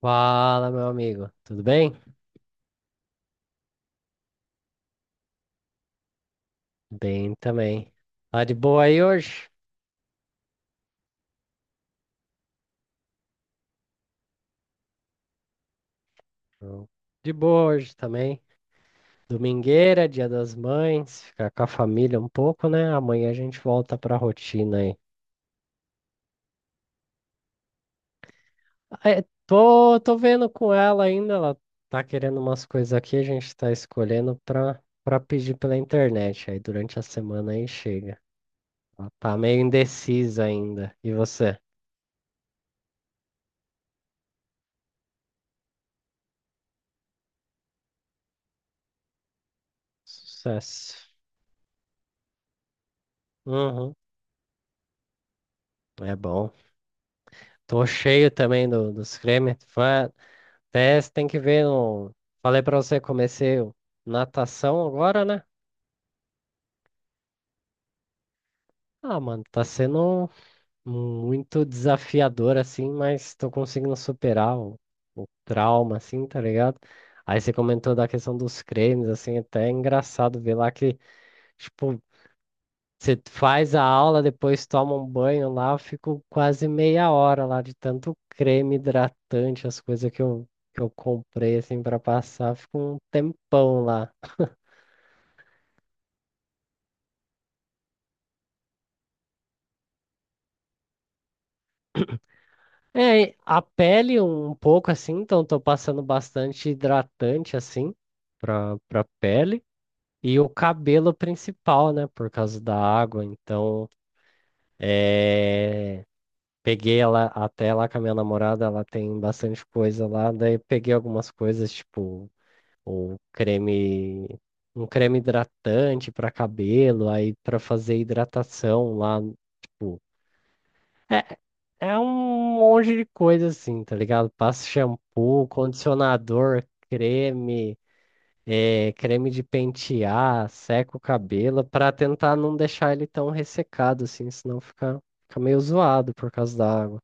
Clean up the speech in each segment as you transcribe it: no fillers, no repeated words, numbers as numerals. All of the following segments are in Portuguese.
Fala, meu amigo. Tudo bem? Bem também. Tá de boa aí hoje? Tô de boa hoje também. Domingueira, Dia das Mães, ficar com a família um pouco, né? Amanhã a gente volta pra rotina aí. Ah, tô vendo com ela ainda, ela tá querendo umas coisas aqui, a gente tá escolhendo pra pedir pela internet. Aí durante a semana aí chega. Ela tá meio indecisa ainda. E você? Sucesso. Uhum. É bom. Tô cheio também dos cremes. Até você tem que ver. Falei pra você, comecei o- natação agora, né? Ah, mano, tá sendo muito desafiador, assim, mas tô conseguindo superar o trauma, assim, tá ligado? Aí você comentou da questão dos cremes, assim, até é engraçado ver lá que, tipo, você faz a aula, depois toma um banho lá, eu fico quase meia hora lá de tanto creme hidratante, as coisas que eu comprei assim para passar, eu fico um tempão lá. É, e a pele um pouco assim, então tô passando bastante hidratante assim pra pele. E o cabelo principal, né, por causa da água, então é, peguei ela até lá com a minha namorada, ela tem bastante coisa lá, daí peguei algumas coisas, tipo ou creme, um creme hidratante para cabelo, aí para fazer hidratação lá, tipo, é, é um monte de coisa assim, tá ligado? Passa shampoo, condicionador, creme, é, creme de pentear, seca o cabelo, para tentar não deixar ele tão ressecado assim, senão fica, fica meio zoado por causa da água.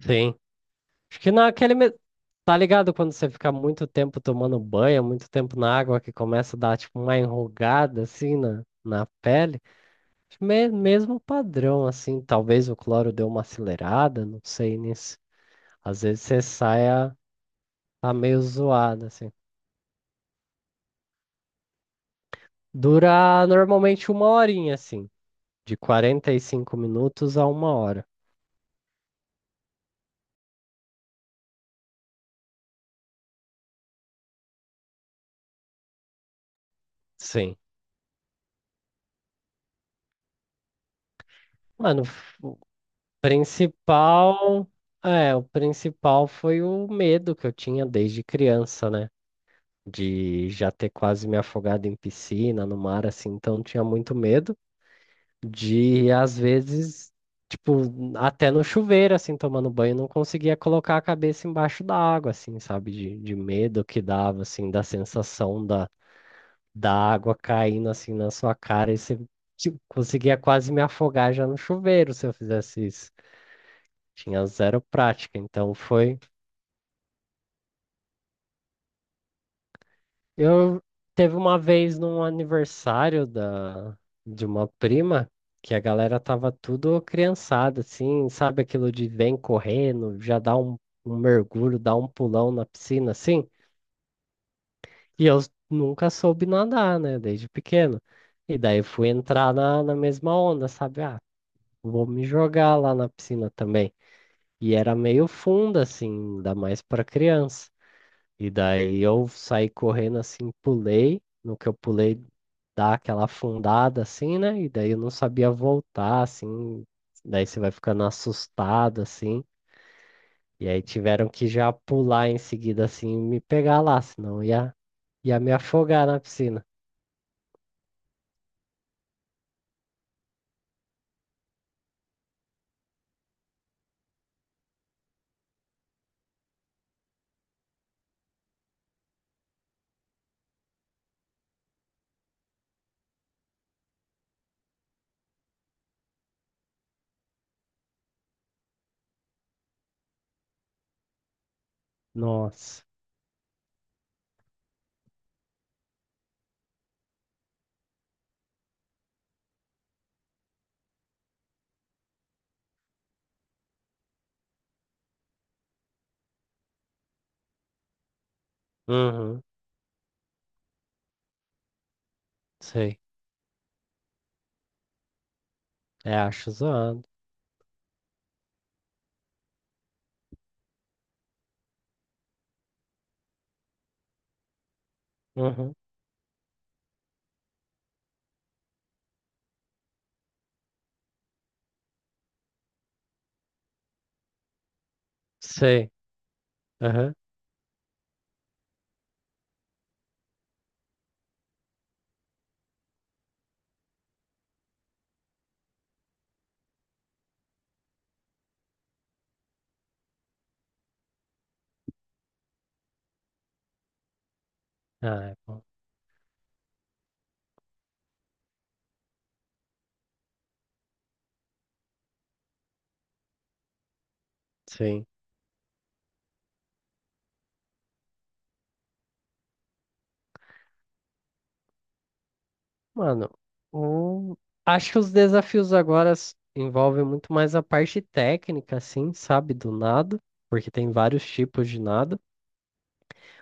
Sim. Acho que naquele. Tá ligado quando você fica muito tempo tomando banho, muito tempo na água, que começa a dar tipo uma enrugada assim na pele? Mesmo padrão, assim. Talvez o cloro deu uma acelerada, não sei nisso. Às vezes você saia tá meio zoado, assim. Dura normalmente uma horinha, assim. De 45 minutos a uma hora. Sim. Mano, o principal. É, o principal foi o medo que eu tinha desde criança, né? De já ter quase me afogado em piscina, no mar, assim, então tinha muito medo de, às vezes, tipo, até no chuveiro, assim, tomando banho, não conseguia colocar a cabeça embaixo da água, assim, sabe? De medo que dava, assim, da sensação da água caindo, assim, na sua cara, e você, tipo, conseguia quase me afogar já no chuveiro se eu fizesse isso. Tinha zero prática, então foi. Eu teve uma vez num aniversário de uma prima que a galera tava tudo criançada, assim, sabe aquilo de vem correndo, um mergulho, dá um pulão na piscina, assim. E eu nunca soube nadar, né, desde pequeno. E daí fui entrar na mesma onda, sabe? Ah, vou me jogar lá na piscina também. E era meio funda, assim, ainda mais pra criança. E daí eu saí correndo assim, pulei. No que eu pulei, dá aquela afundada assim, né? E daí eu não sabia voltar, assim. Daí você vai ficando assustado, assim. E aí tiveram que já pular em seguida, assim, e me pegar lá, senão ia me afogar na piscina. Nossa. Uhum. Sei. É, acho zoado. Uhum. Sei. Aham. Ah, é bom. Sim. Mano, o- acho que os desafios agora envolvem muito mais a parte técnica, assim, sabe, do nado, porque tem vários tipos de nado,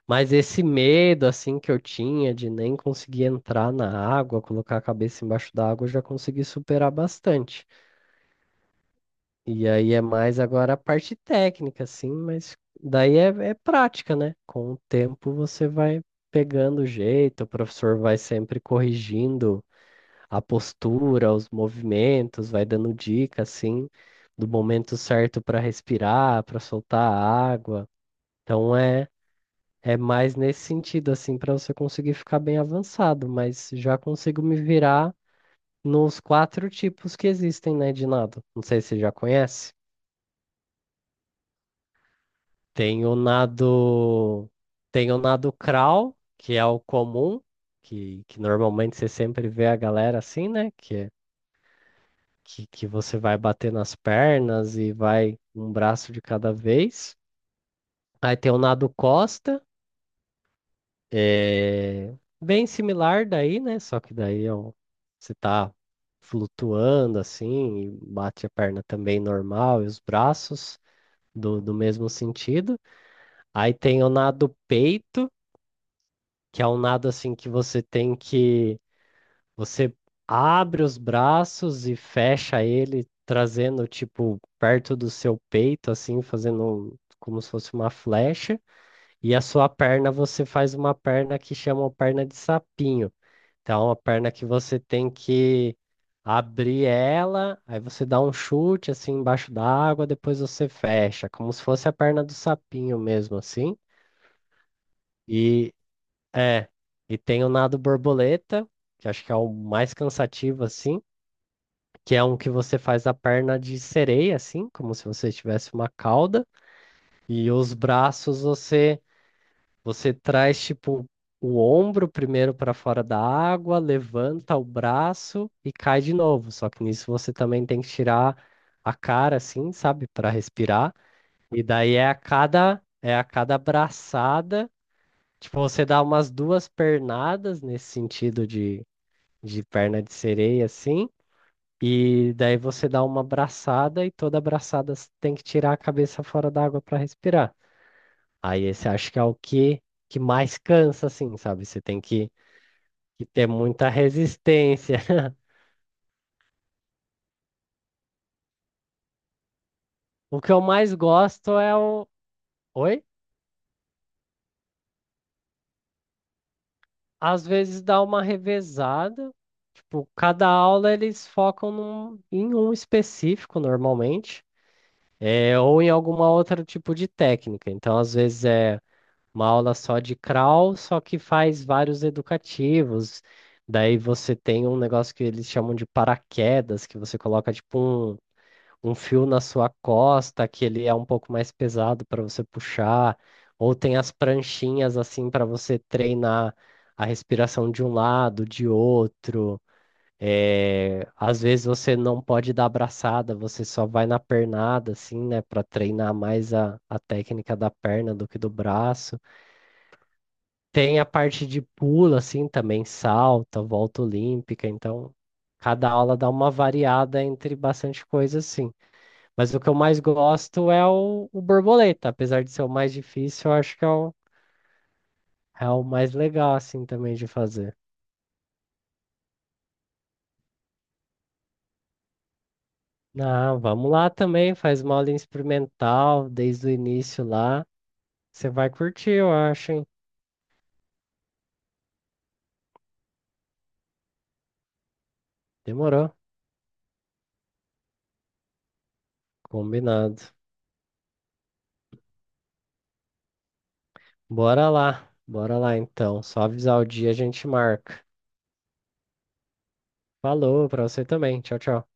mas esse medo, assim, que eu tinha de nem conseguir entrar na água, colocar a cabeça embaixo da água, eu já consegui superar bastante. E aí é mais agora a parte técnica, assim, mas daí é prática, né? Com o tempo você vai pegando o jeito, o professor vai sempre corrigindo a postura, os movimentos, vai dando dica assim do momento certo para respirar, para soltar a água. Então é mais nesse sentido assim para você conseguir ficar bem avançado, mas já consigo me virar nos quatro tipos que existem, né, de nado. Não sei se você já conhece. Tem o nado Tem o nado crawl, que é o comum, que normalmente você sempre vê a galera assim, né? Que você vai bater nas pernas e vai um braço de cada vez. Aí tem o nado costa, é bem similar daí, né? Só que daí é você tá flutuando assim, e bate a perna também normal e os braços do mesmo sentido. Aí tem o nado peito, que é um nado assim que você tem que Você abre os braços e fecha ele, trazendo tipo perto do seu peito, assim, fazendo como se fosse uma flecha. E a sua perna, você faz uma perna que chamam perna de sapinho. Então, é uma perna que você tem que abrir ela, aí você dá um chute assim embaixo da água, depois você fecha, como se fosse a perna do sapinho mesmo, assim. E é, e tem o nado borboleta, que acho que é o mais cansativo assim que é um que você faz a perna de sereia, assim, como se você tivesse uma cauda, e os braços você traz tipo o ombro primeiro para fora da água, levanta o braço e cai de novo. Só que nisso você também tem que tirar a cara, assim, sabe, para respirar. E daí é a cada braçada, tipo você dá umas duas pernadas nesse sentido de perna de sereia, assim. E daí você dá uma abraçada e toda abraçada você tem que tirar a cabeça fora da água para respirar. Aí esse acho que é que mais cansa, assim, sabe? Que ter muita resistência. O que eu mais gosto é o. Oi? Às vezes dá uma revezada. Tipo, cada aula eles focam em um específico, normalmente. É, ou em alguma outra tipo de técnica. Então, às vezes é uma aula só de crawl, só que faz vários educativos. Daí você tem um negócio que eles chamam de paraquedas, que você coloca tipo um fio na sua costa, que ele é um pouco mais pesado para você puxar, ou tem as pranchinhas assim para você treinar a respiração de um lado, de outro. É, às vezes você não pode dar abraçada, você só vai na pernada, assim, né, para treinar mais a técnica da perna do que do braço. Tem a parte de pula, assim, também salta, volta olímpica, então cada aula dá uma variada entre bastante coisa, assim. Mas o que eu mais gosto é o borboleta, apesar de ser o mais difícil, eu acho que é é o mais legal, assim, também de fazer. Não, vamos lá também, faz uma aula experimental desde o início lá. Você vai curtir, eu acho, hein? Demorou, combinado. Bora lá então. Só avisar o dia a gente marca. Falou pra você também. Tchau, tchau.